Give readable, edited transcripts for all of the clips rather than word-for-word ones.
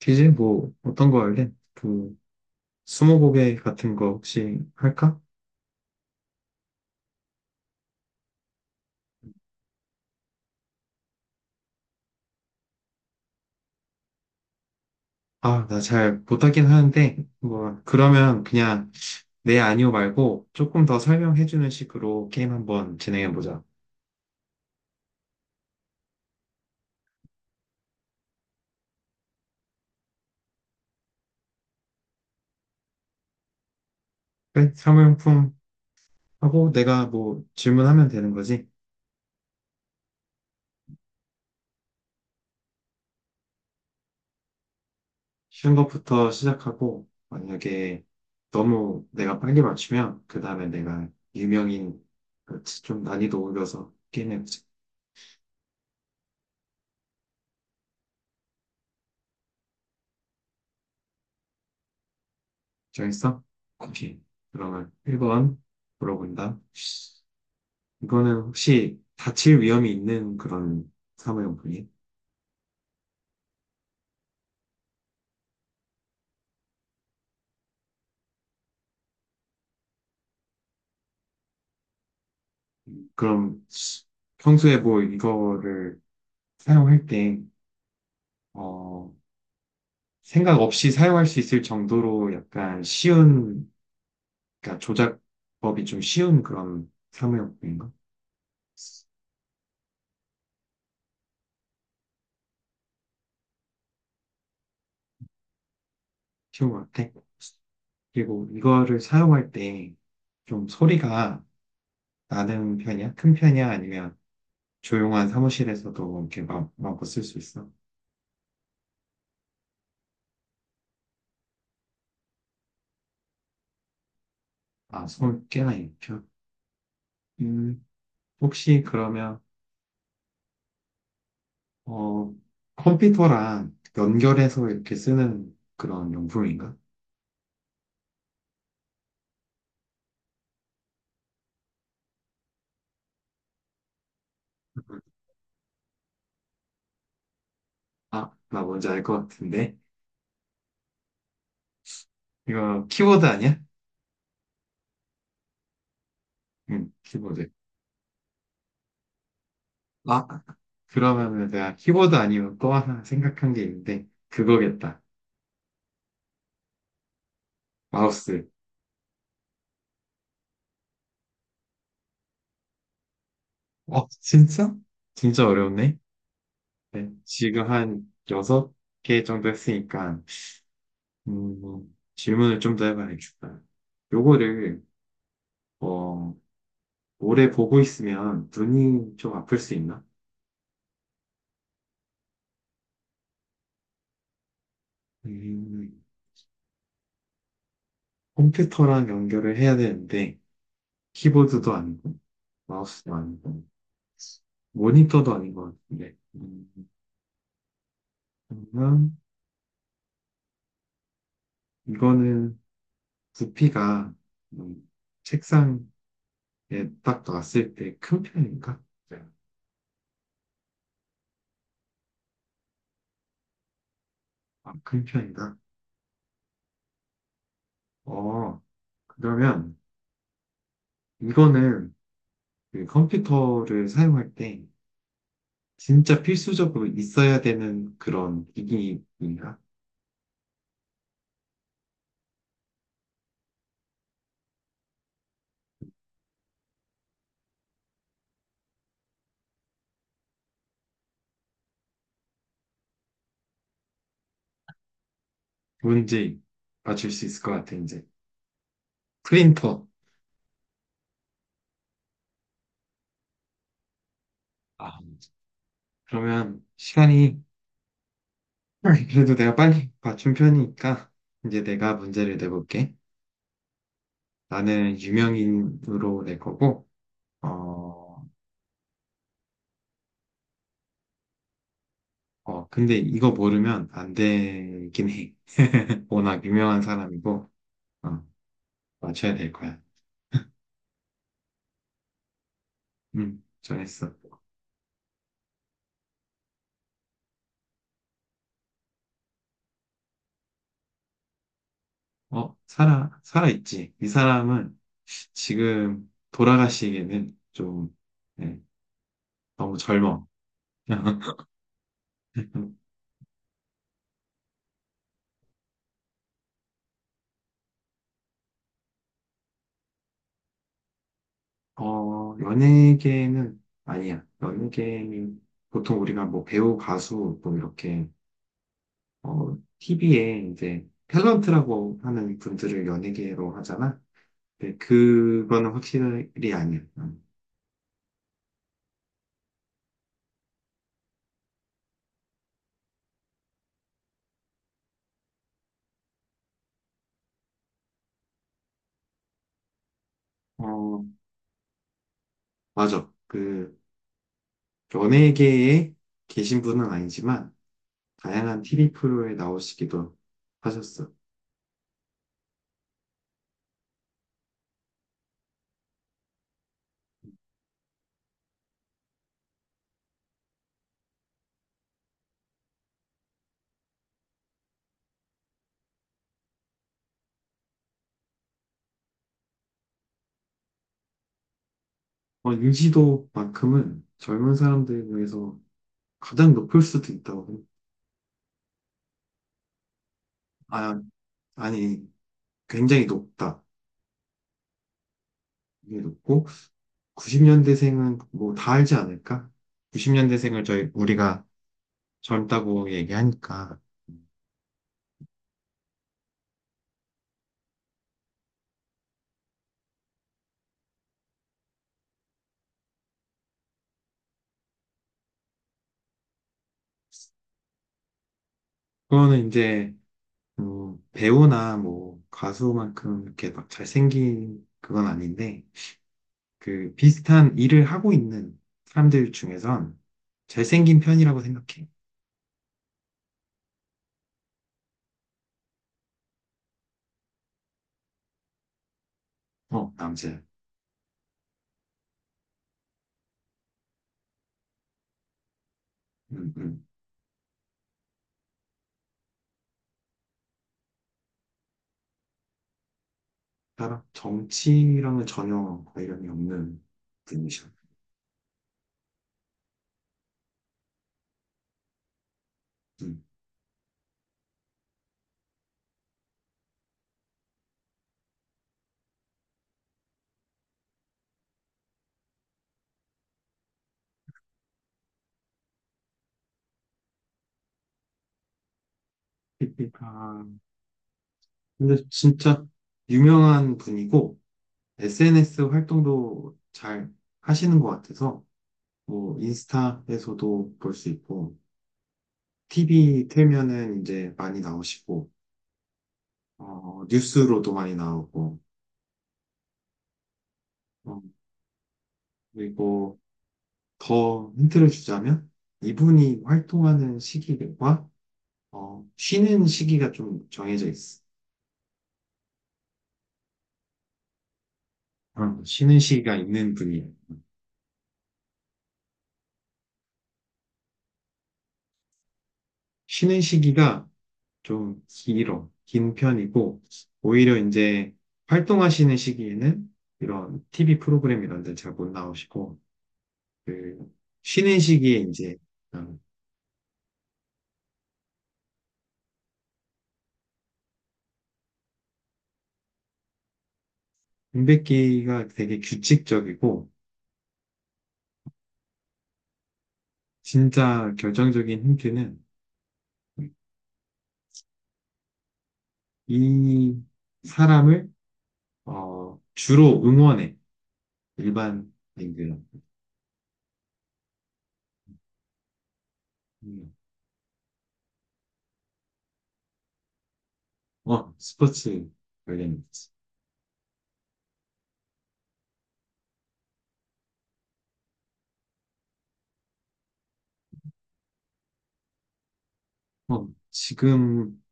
퀴즈? 어떤 거 할래? 스무고개 같은 거 혹시 할까? 아, 나 잘 못하긴 하는데, 뭐, 그러면 그냥 네, 아니요 말고 조금 더 설명해주는 식으로 게임 한번 진행해보자. 그래? 사무용품 하고 내가 뭐 질문하면 되는 거지. 쉬운 것부터 시작하고, 만약에 너무 내가 빨리 맞추면, 그 다음에 내가 유명인, 좀 난이도 올려서 게임해보자. 정했어? 오케이. 그러면 1번 물어본다. 이거는 혹시 다칠 위험이 있는 그런 사무용품이? 그럼 평소에 뭐 이거를 사용할 때, 어, 생각 없이 사용할 수 있을 정도로 약간 쉬운, 그러니까 조작법이 좀 쉬운 그런 사무용품인가? 쉬운 것 같아. 그리고 이거를 사용할 때 좀 소리가 나는 편이야? 큰 편이야? 아니면 조용한 사무실에서도 이렇게 마음껏 쓸 수 있어. 아, 손 꽤나 익혀. 음, 혹시 그러면, 어, 컴퓨터랑 연결해서 이렇게 쓰는 그런 용품인가? 음. 아, 나 뭔지 알 것 같은데. 이거 키보드 아니야? 응, 키보드. 아, 그러면은 내가 키보드 아니면 또 하나 생각한 게 있는데, 그거겠다. 마우스. 어, 진짜? 진짜 어려웠네. 네, 지금 한 여섯 개 정도 했으니까, 음, 뭐, 질문을 좀 더 해봐야겠다. 요거를, 어, 오래 보고 있으면 눈이 좀 아플 수 있나? 음, 컴퓨터랑 연결을 해야 되는데, 키보드도 아니고, 마우스도 아니고, 모니터도 아닌 것 같은데. 그러면 이거는 부피가 음, 책상에 딱 놨을 때 큰 편인가? 네. 아, 큰 편인가? 어, 그러면 이거는 그 컴퓨터를 사용할 때 진짜 필수적으로 있어야 되는 그런 기기인가? 뭔지 맞출 수 있을 것 같아, 이제. 프린터. 아, 그러면 시간이, 그래도 내가 빨리 맞춘 편이니까, 이제 내가 문제를 내볼게. 나는 유명인으로 낼 거고, 어, 근데 이거 모르면 안 되긴 해. 워낙 유명한 사람이고, 어, 맞춰야 될 거야. 정했어. 어, 살아있지. 이 사람은 지금 돌아가시기에는 좀, 네, 너무 젊어. 어, 연예계는 아니야. 연예계는 보통 우리가 뭐 배우, 가수, 뭐 이렇게, TV에 이제 탤런트라고 하는 분들을 연예계로 하잖아. 근데 그거는 확실히 아니야. 음. 어, 맞아. 연예계에 계신 분은 아니지만, 다양한 TV 프로에 나오시기도 하셨어요. 어, 인지도만큼은 젊은 사람들 중에서 가장 높을 수도 있다고 생각- 아, 아니, 굉장히 높다. 굉장히 높고 90년대생은 뭐 다 알지 않을까? 90년대생을 저희 우리가 젊다고 얘기하니까 그거는 이제 배우나 뭐 가수만큼 이렇게 막 잘생긴 그건 아닌데 그 비슷한 일을 하고 있는 사람들 중에선 잘생긴 편이라고 생각해. 어, 남자야. 음, 음. 따라 정치랑은 전혀 관련이 없는 분이셔. 음. 파 근데 진짜 유명한 분이고 SNS 활동도 잘 하시는 것 같아서 뭐 인스타에서도 볼 수 있고 TV 틀면은 이제 많이 나오시고 어, 뉴스로도 많이 나오고 어, 그리고 더 힌트를 주자면 이분이 활동하는 시기와 쉬는 시기가 좀 정해져 있어. 어, 쉬는 시기가 있는 분이야. 쉬는 시기가 좀 긴 편이고, 오히려 이제 활동하시는 시기에는 이런 TV 프로그램 이런 데 잘 못 나오시고, 그, 쉬는 시기에 이제, 어, 임백기가 되게 규칙적이고, 진짜 결정적인 힌트는 이 사람을, 주로 응원해. 일반인들은. 어, 스포츠 관련. 어,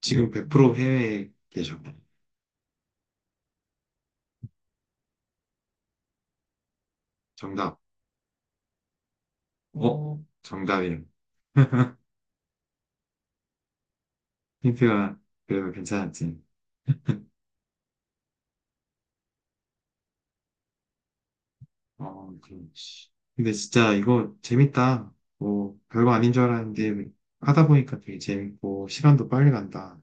지금 100% 해외에 계셔. 정답. 어, 정답이에요. 힌트가 그래도 괜찮았지. 어, 그럼. 근데 진짜 이거 재밌다. 뭐, 별거 아닌 줄 알았는데, 하다 보니까 되게 재밌고, 시간도 빨리 간다.